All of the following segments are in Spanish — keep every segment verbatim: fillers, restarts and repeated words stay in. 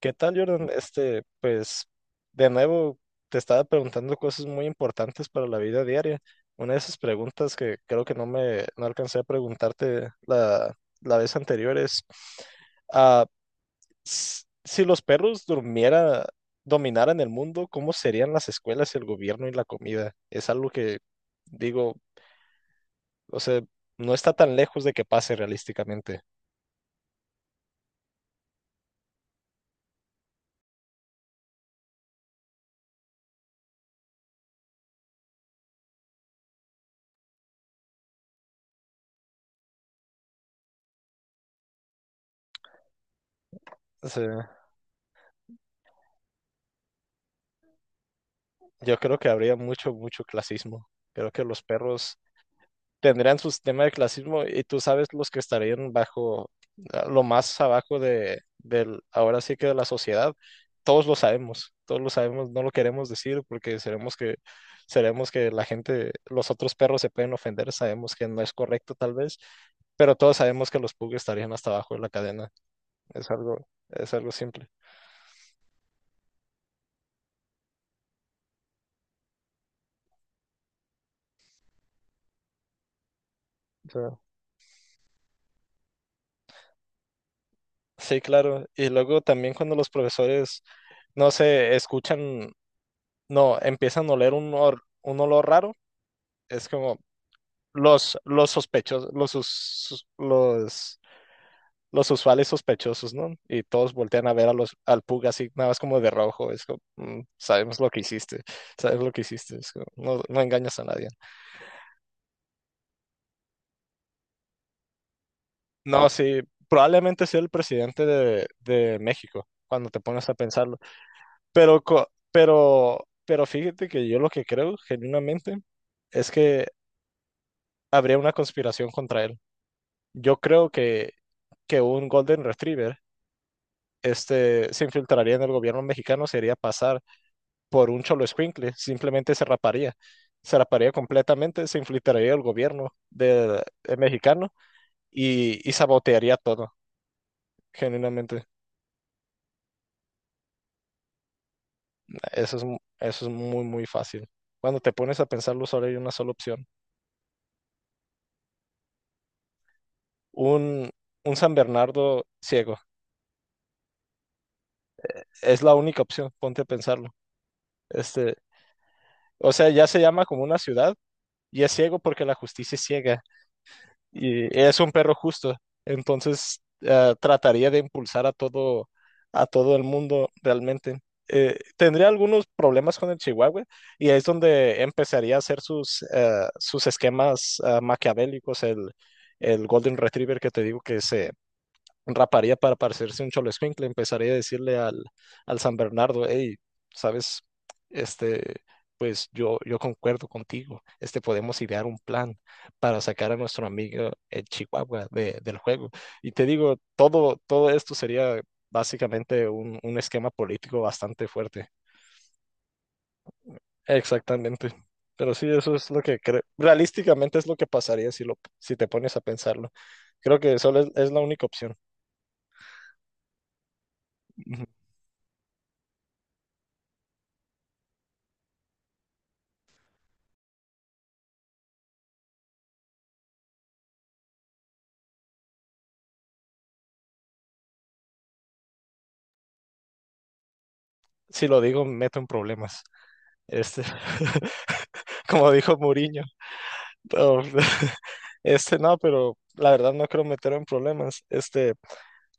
¿Qué tal, Jordan? Este, pues, de nuevo, te estaba preguntando cosas muy importantes para la vida diaria. Una de esas preguntas que creo que no me no alcancé a preguntarte la, la vez anterior es, ah, s- si los perros durmiera, dominaran el mundo, ¿cómo serían las escuelas, el gobierno y la comida? Es algo que digo, o sea, no está tan lejos de que pase realísticamente. O sea, yo creo que habría mucho, mucho clasismo. Creo que los perros tendrían su sistema de clasismo y tú sabes los que estarían bajo, ah, lo más abajo de, del, ahora sí que de la sociedad, todos lo sabemos, todos lo sabemos, no lo queremos decir porque seremos que, seremos que la gente, los otros perros se pueden ofender, sabemos que no es correcto tal vez, pero todos sabemos que los pugs estarían hasta abajo de la cadena, es algo, es algo simple. O sea, sí, claro, y luego también cuando los profesores, no sé, escuchan, no, empiezan a oler un, or- un olor raro. Es como los, los sospechosos, los, sus- sus- los, los usuales sospechosos, ¿no? Y todos voltean a ver a los, al Pug así, nada más como de rojo. Es como, "Mm, sabemos lo que hiciste, sabes lo que hiciste". Es como, no, no engañas a nadie. No, sí, probablemente sea el presidente de, de México, cuando te pones a pensarlo. Pero, co- pero, pero fíjate que yo lo que creo, genuinamente, es que habría una conspiración contra él. Yo creo que, que un Golden Retriever, este, se infiltraría en el gobierno mexicano, se iría a pasar por un cholo escuincle, simplemente se raparía, se raparía completamente, se infiltraría el gobierno de, de mexicano y, y sabotearía todo, genuinamente. Eso es, mu- eso es muy, muy fácil. Cuando te pones a pensarlo, solo hay una sola opción. Un, un San Bernardo ciego. Es la única opción, ponte a pensarlo. Este, o sea, ya se llama como una ciudad y es ciego porque la justicia es ciega. Y es un perro justo. Entonces, ah, trataría de impulsar a todo, a todo el mundo realmente. Eh, tendría algunos problemas con el Chihuahua y ahí es donde empezaría a hacer sus, eh, sus esquemas, ah, maquiavélicos. El, el Golden Retriever que te digo que se raparía para parecerse un cholo escuincle, empezaría a decirle al, al San Bernardo, hey, sabes, este, pues yo, yo concuerdo contigo, este, podemos idear un plan para sacar a nuestro amigo el Chihuahua de- del juego. Y te digo, todo, todo esto sería básicamente un, un esquema político bastante fuerte. Exactamente. Pero sí, eso es lo que creo. Realísticamente es lo que pasaría si lo, si te pones a pensarlo. Creo que solo es, es la única opción. Si lo digo, me meto en problemas. Este, como dijo Mourinho. No, este no, pero la verdad no creo meter en problemas. Este,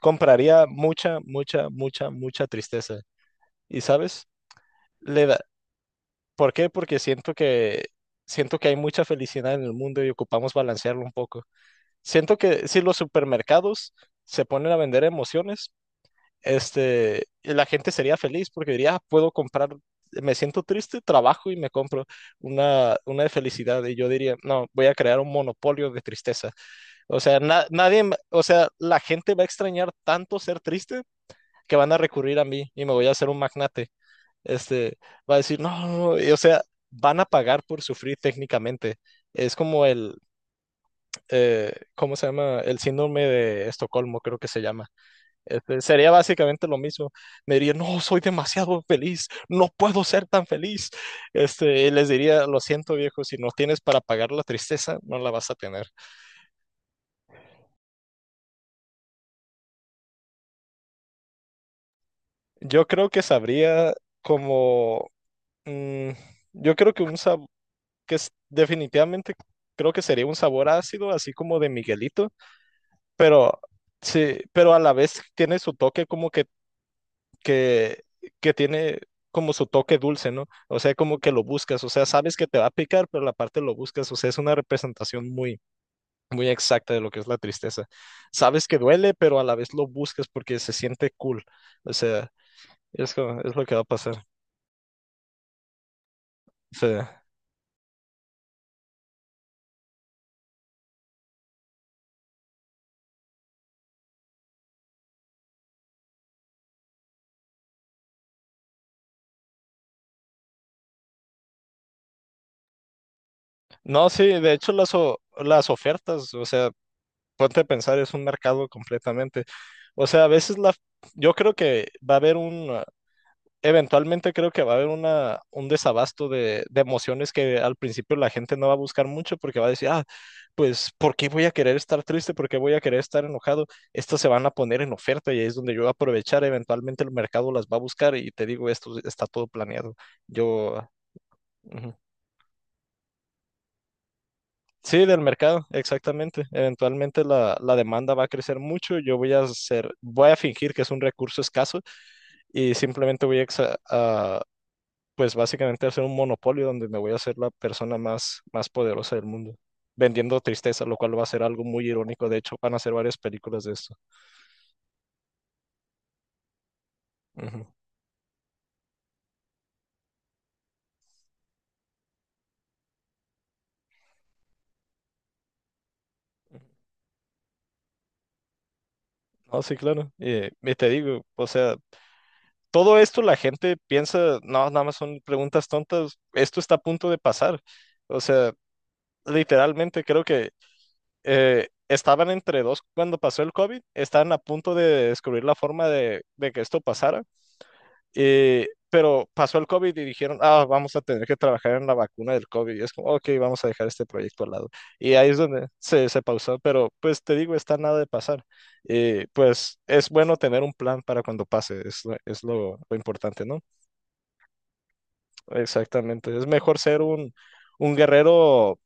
compraría mucha, mucha, mucha, mucha tristeza. ¿Y sabes? Le da, ¿por qué? Porque siento que siento que hay mucha felicidad en el mundo y ocupamos balancearlo un poco. Siento que si los supermercados se ponen a vender emociones, este, la gente sería feliz porque diría, "Ah, puedo comprar, me siento triste, trabajo y me compro una, una de felicidad". Y yo diría, no, voy a crear un monopolio de tristeza. O sea, na- nadie, me- o sea, la gente va a extrañar tanto ser triste que van a recurrir a mí y me voy a hacer un magnate. Este, va a decir, no, no, y, o sea, van a pagar por sufrir técnicamente. Es como el, eh, ¿cómo se llama? El síndrome de Estocolmo, creo que se llama. Este, sería básicamente lo mismo. Me diría, no, soy demasiado feliz, no puedo ser tan feliz. Este, y les diría, lo siento, viejo, si no tienes para pagar la tristeza, no la vas a tener. Yo creo que sabría como, mm, yo creo que un sabor, que es, definitivamente creo que sería un sabor ácido, así como de Miguelito, pero sí, pero a la vez tiene su toque como que que, que tiene como su toque dulce, ¿no? O sea, como que lo buscas, o sea, sabes que te va a picar, pero la parte lo buscas, o sea, es una representación muy, muy exacta de lo que es la tristeza. Sabes que duele, pero a la vez lo buscas porque se siente cool, o sea, es, como- es lo que va a pasar. O sea, no, sí, de hecho las, o- las ofertas, o sea, ponte a pensar, es un mercado completamente. O sea, a veces la, yo creo que va a haber un, eventualmente creo que va a haber una, un desabasto de, de emociones que al principio la gente no va a buscar mucho porque va a decir, ah, pues, ¿por qué voy a querer estar triste? ¿Por qué voy a querer estar enojado? Estas se van a poner en oferta y ahí es donde yo voy a aprovechar, eventualmente el mercado las va a buscar y te digo, esto está todo planeado. Yo, ujú. Sí, del mercado, exactamente. Eventualmente la, la demanda va a crecer mucho, yo voy a hacer, voy a fingir que es un recurso escaso y simplemente voy a, exa- a pues básicamente hacer un monopolio donde me voy a hacer la persona más, más poderosa del mundo, vendiendo tristeza, lo cual va a ser algo muy irónico. De hecho, van a hacer varias películas de esto. Ujú. No, sí, claro. Y, y te digo, o sea, todo esto la gente piensa, no, nada más son preguntas tontas, esto está a punto de pasar. O sea, literalmente creo que, eh, estaban entre dos cuando pasó el COVID, estaban a punto de descubrir la forma de, de que esto pasara. Eh, pero pasó el COVID y dijeron, ah, vamos a tener que trabajar en la vacuna del COVID. Y es como, ok, vamos a dejar este proyecto al lado. Y ahí es donde se, se pausó, pero pues te digo, está nada de pasar. Eh, pues es bueno tener un plan para cuando pase, es, lo- es lo, lo importante, ¿no? Exactamente. Es mejor ser un, un guerrero,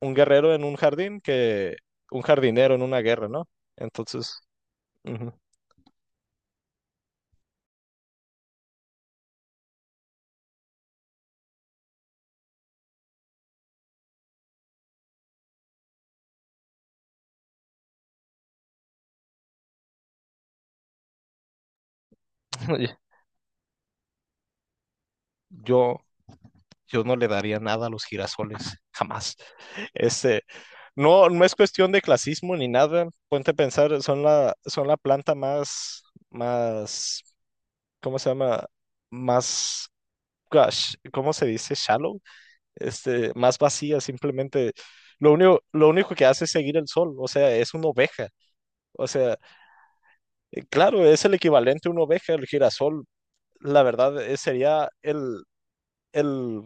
un guerrero en un jardín que un jardinero en una guerra, ¿no? Entonces, ujú. Yo, yo no le daría nada a los girasoles, jamás. Este, no, no es cuestión de clasismo ni nada. Ponte a pensar, son la, son la planta más, más, ¿cómo se llama? Más, gosh, ¿cómo se dice? Shallow, este, más vacía, simplemente. Lo único, lo único que hace es seguir el sol, o sea, es una oveja. O sea, eh, claro, es el equivalente a una oveja, el girasol. La verdad, eh, sería el, el,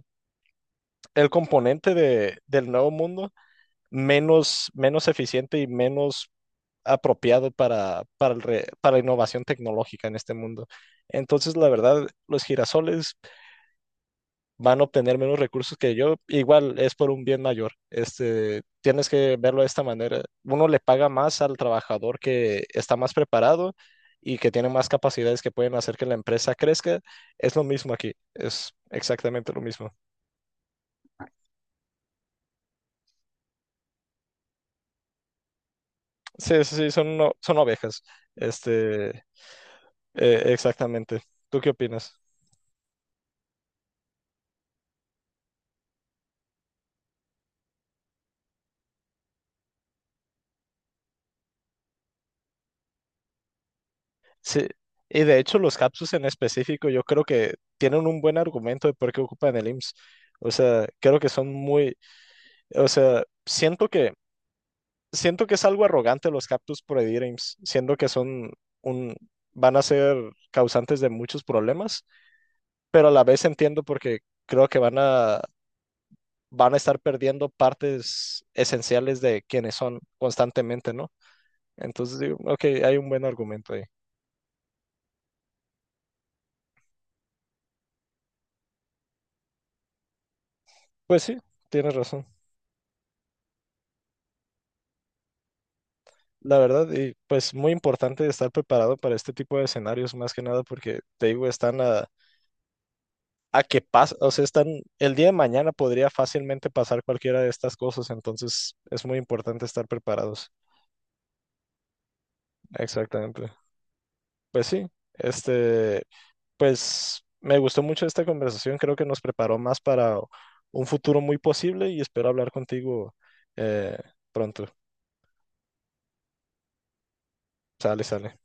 el componente de, del nuevo mundo menos, menos eficiente y menos apropiado para, para, el re- para innovación tecnológica en este mundo. Entonces, la verdad, los girasoles van a obtener menos recursos que yo. Igual es por un bien mayor. Este, tienes que verlo de esta manera. Uno le paga más al trabajador que está más preparado y que tiene más capacidades que pueden hacer que la empresa crezca. Es lo mismo aquí. Es exactamente lo mismo. Sí, sí, sí, son, o- son ovejas. Este, eh, exactamente. ¿Tú qué opinas? Sí, y de hecho los Capsus en específico yo creo que tienen un buen argumento de por qué ocupan el I M S S. O sea, creo que son muy, o sea, siento que siento que es algo arrogante los Capsus prohibir I M S S, siendo que son un, van a ser causantes de muchos problemas, pero a la vez entiendo porque creo que van a van a estar perdiendo partes esenciales de quienes son constantemente, ¿no? Entonces digo, ok, hay un buen argumento ahí. Pues sí, tienes razón. La verdad, y pues muy importante estar preparado para este tipo de escenarios, más que nada, porque te digo, están a, a que pasa, o sea, están, el día de mañana podría fácilmente pasar cualquiera de estas cosas, entonces es muy importante estar preparados. Exactamente. Pues sí, este, pues me gustó mucho esta conversación, creo que nos preparó más para un futuro muy posible y espero hablar contigo, eh, pronto. Sale, sale.